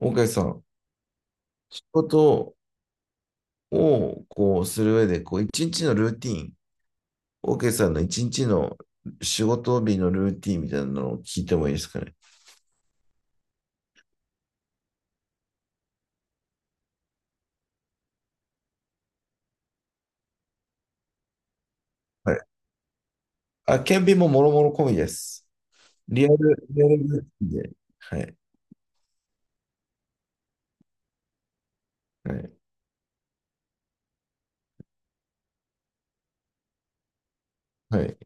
大海さん、仕事をこうする上で、こう一日のルーティーン、大海さんの一日の仕事日のルーティーンみたいなのを聞いてもいいですかね。はい。あ、顕微ももろもろ込みです。リアル、リアルルーティーンで。はい。はい。はい。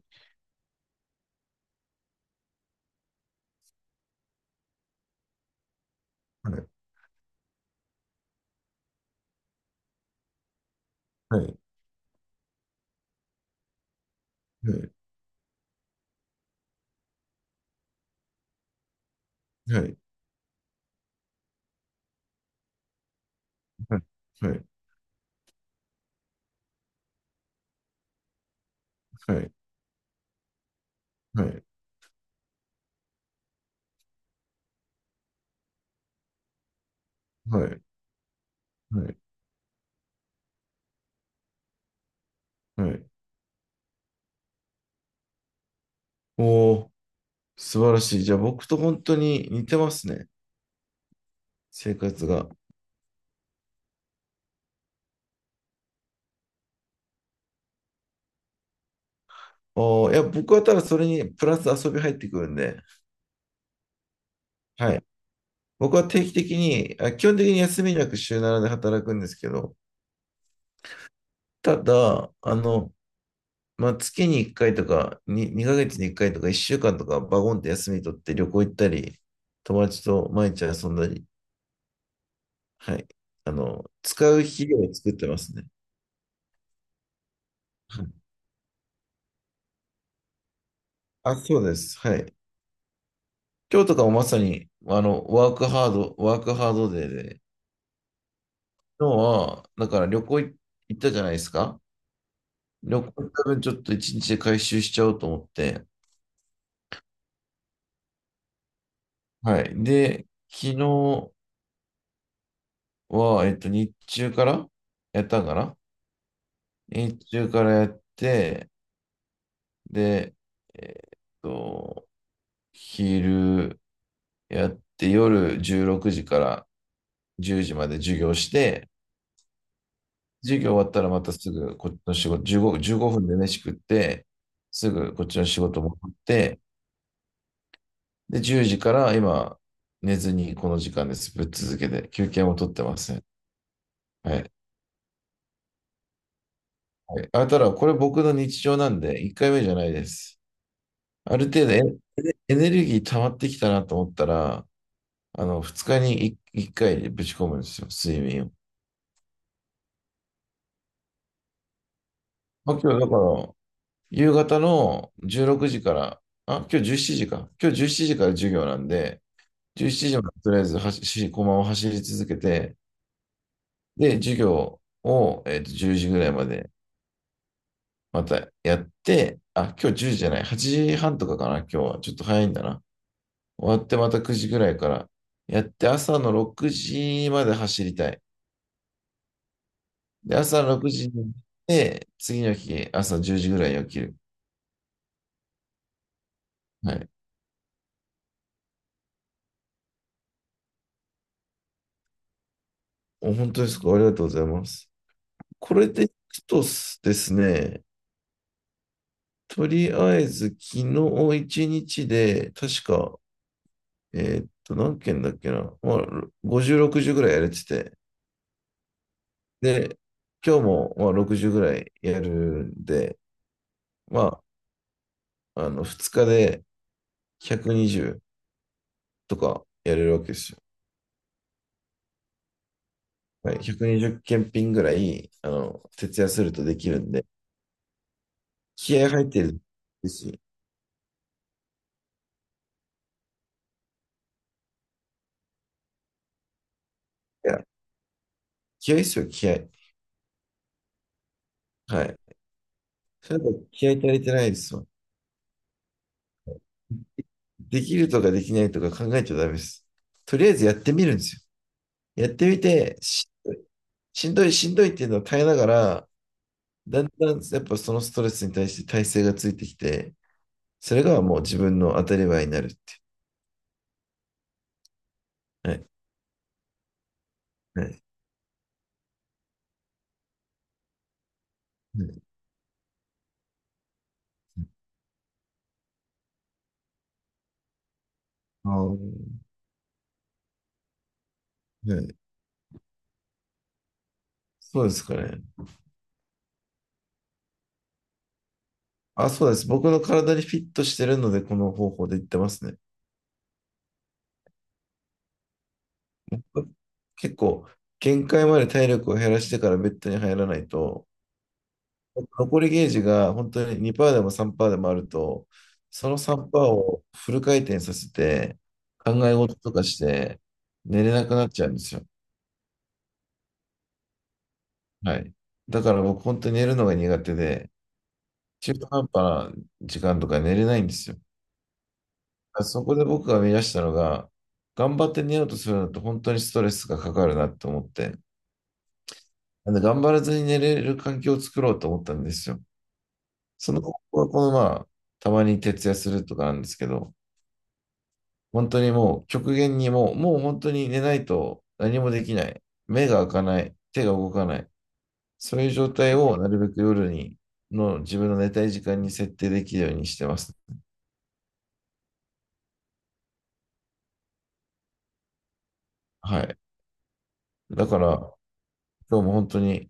はい。はい。はい。はい。はい。はい。はい。はい。はい。はい。おー、素晴らしい。じゃあ僕と本当に似てますね。生活が。おー、いや、僕はただそれにプラス遊び入ってくるんで。はい。僕は定期的に、あ、基本的に休みなく週7で働くんですけど、ただ、まあ、月に1回とかに、2ヶ月に1回とか1週間とかバゴンって休み取って旅行行ったり、友達と毎日遊んだり、はい。使う肥料を作ってますね。はい。あ、そうです。はい。今日とかもまさに、ワークハードデーで、今日は、だから旅行行ったじゃないですか。旅行多分ちょっと1日で回収しちゃおうと思って、はい。で、昨日は、日中からやったんかな日中からやって、で、えっと、昼やって、夜16時から10時まで授業して、授業終わったらまたすぐこっちの仕事、15分で飯食って、すぐこっちの仕事戻って、で、10時から今、寝ずにこの時間です。ぶっ続けて、休憩も取ってません。はい。はい。あ、ただ、これ僕の日常なんで、1回目じゃないです。ある程度エネルギー溜まってきたなと思ったら、2日に1回ぶち込むんですよ、睡眠を。まあ、今日だから、夕方の16時から、あ、今日17時か。今日17時から授業なんで、17時までとりあえず駒を走り続けて、で、授業を、10時ぐらいまでまたやって、あ、今日10時じゃない、8時半とかかな、今日は。ちょっと早いんだな。終わってまた9時ぐらいから。やって朝の6時まで走りたい。で、朝の6時に行って、次の日朝10時ぐらいに起きる。はい。お、本当ですか。ありがとうございます。これでいくとですね、とりあえず昨日1日で、確か、何件だっけな。まあ、50、60ぐらいやれてて。で、今日もまあ60ぐらいやるんで、まあ、2日で120とかやれるわけですよ。はい、120件ンぐらい、徹夜するとできるんで、気合入ってるし、いや、気合ですよ、気合。はい。それだと気合足りてないですよ。できるとかできないとか考えちゃダメです。とりあえずやってみるんですよ。やってみて、しんどい、しんどい、しんどいっていうのを耐えながら、だんだんやっぱそのストレスに対して耐性がついてきて、それがもう自分の当たり前になるって。はい。はい。はい。あー、はい、そうですかね。あ、そうです。僕の体にフィットしてるので、この方法で言ってますね。結構、限界まで体力を減らしてからベッドに入らないと、残りゲージが本当に2%でも3%でもあると、その3%をフル回転させて、考え事とかして、寝れなくなっちゃうんですよ。はい。だから僕、本当に寝るのが苦手で、中途半端な時間とか寝れないんですよ。そこで僕が見出したのが、頑張って寝ようとするのと本当にストレスがかかるなと思って、頑張らずに寝れる環境を作ろうと思ったんですよ。その方法はこのまあ、たまに徹夜するとかなんですけど、本当にもう極限にもう本当に寝ないと何もできない。目が開かない。手が動かない。そういう状態をなるべく夜に、の自分の寝たい時間に設定できるようにしてます。はい。だから、今日も本当に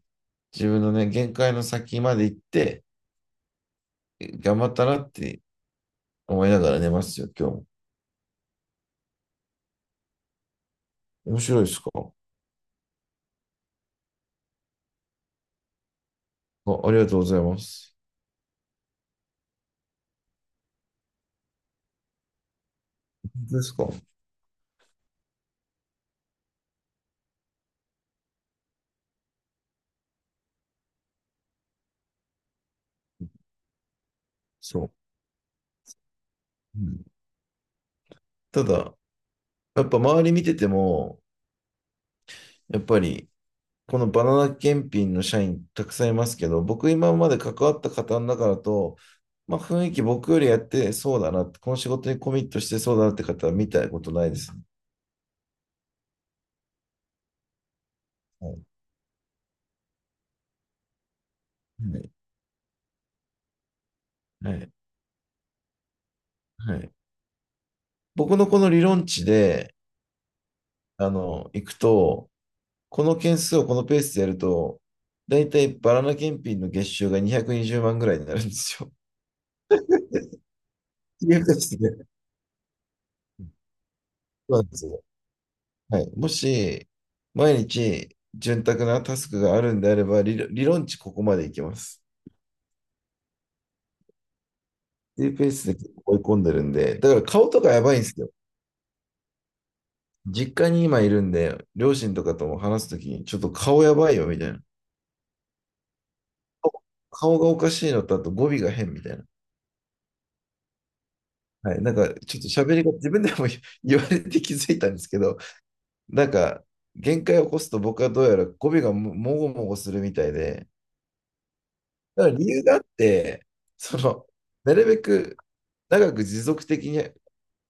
自分のね、限界の先まで行って、頑張ったなって思いながら寝ますよ、今日も。面白いですか。あ、ありがとうございます。ですか。そう。うん。ただ、やっぱ周り見てても、やっぱり、このバナナ検品の社員たくさんいますけど、僕今まで関わった方の中だと、まあ雰囲気僕よりやってそうだなって、この仕事にコミットしてそうだなって方は見たことないですね。はい。はい。はい。はい。僕のこの理論値で、いくと、この件数をこのペースでやると、だいたいバナナ検品の月収が220万ぐらいになるんですよ。そうなんですよ。はい。もし、毎日、潤沢なタスクがあるんであれば、理論値ここまでいきます。っていうペースで結構追い込んでるんで、だから顔とかやばいんですよ。実家に今いるんで、両親とかとも話すときに、ちょっと顔やばいよ、みたいな。顔がおかしいのと、あと語尾が変みたいな。はい。なんか、ちょっと喋りが自分でも 言われて気づいたんですけど、なんか、限界を起こすと僕はどうやら語尾がももごもごするみたいで、だから理由があって、その、なるべく長く持続的に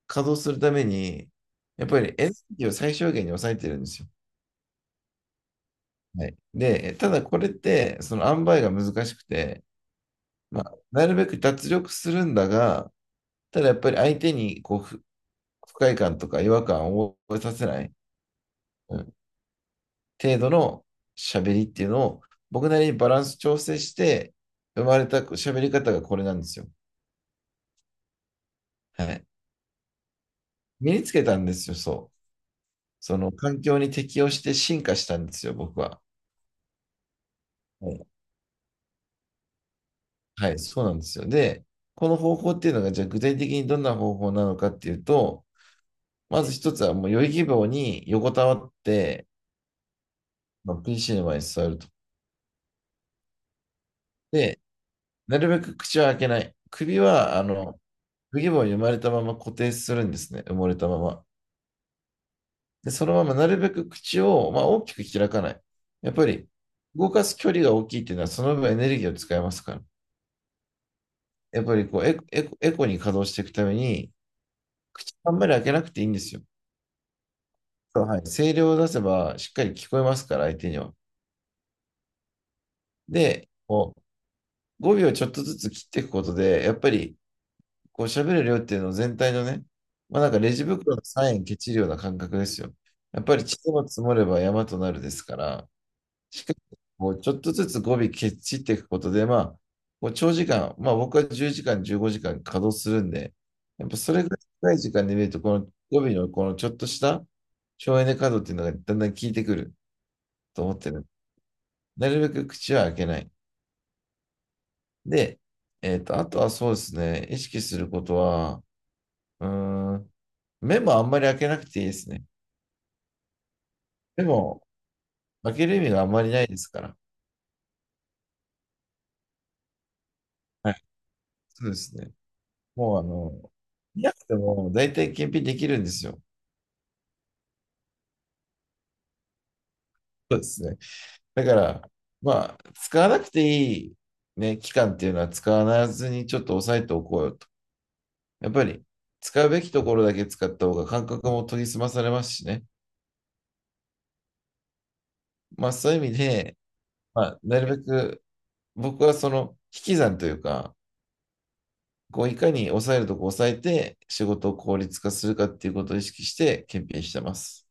稼働するために、やっぱりエネルギーを最小限に抑えてるんですよ。はい、で、ただこれって、その塩梅が難しくて、まあ、なるべく脱力するんだが、ただやっぱり相手にこう不快感とか違和感を覚えさせない、うん、程度の喋りっていうのを、僕なりにバランス調整して、生まれた喋り方がこれなんですよ。はい。身につけたんですよ、そう。その環境に適応して進化したんですよ、僕は。はい、はい、そうなんですよ。で、この方法っていうのが、じゃあ具体的にどんな方法なのかっていうと、まず一つはもう余裕希望に横たわって、まあ PC の前に座ると。で、なるべく口は開けない。首は、不義母に生まれたまま固定するんですね。埋もれたまま。で、そのままなるべく口を、まあ、大きく開かない。やっぱり、動かす距離が大きいっていうのは、その分エネルギーを使いますから。やっぱりこうエコ、エコ、エコに稼働していくために、口あんまり開けなくていいんですよ。そう、はい、声量を出せばしっかり聞こえますから、相手には。で、こう語尾をちょっとずつ切っていくことで、やっぱりこう喋る量っていうのを全体のね、まあなんかレジ袋のサインケチるような感覚ですよ。やっぱり地も積もれば山となるですから、しっかりこうちょっとずつ語尾ケチっていくことで、まあ、こう長時間、まあ僕は10時間、15時間稼働するんで、やっぱそれぐらい長い時間で見ると、この語尾のこのちょっとした省エネ稼働っていうのがだんだん効いてくると思ってる。なるべく口は開けない。で、あとはそうですね、意識することは、うーん、目もあんまり開けなくていいですね。でも、開ける意味があんまりないですから。はい。そうですね。もう、見なくても大体検品できるんですよ。そうですね。だから、まあ、使わなくていい、ね、期間っていうのは使わずにちょっと抑えておこうよと。やっぱり、使うべきところだけ使った方が感覚も研ぎ澄まされますしね。まあ、そういう意味で、まあ、なるべく僕はその引き算というか、こういかに抑えるとこ抑えて仕事を効率化するかっていうことを意識して検品してます。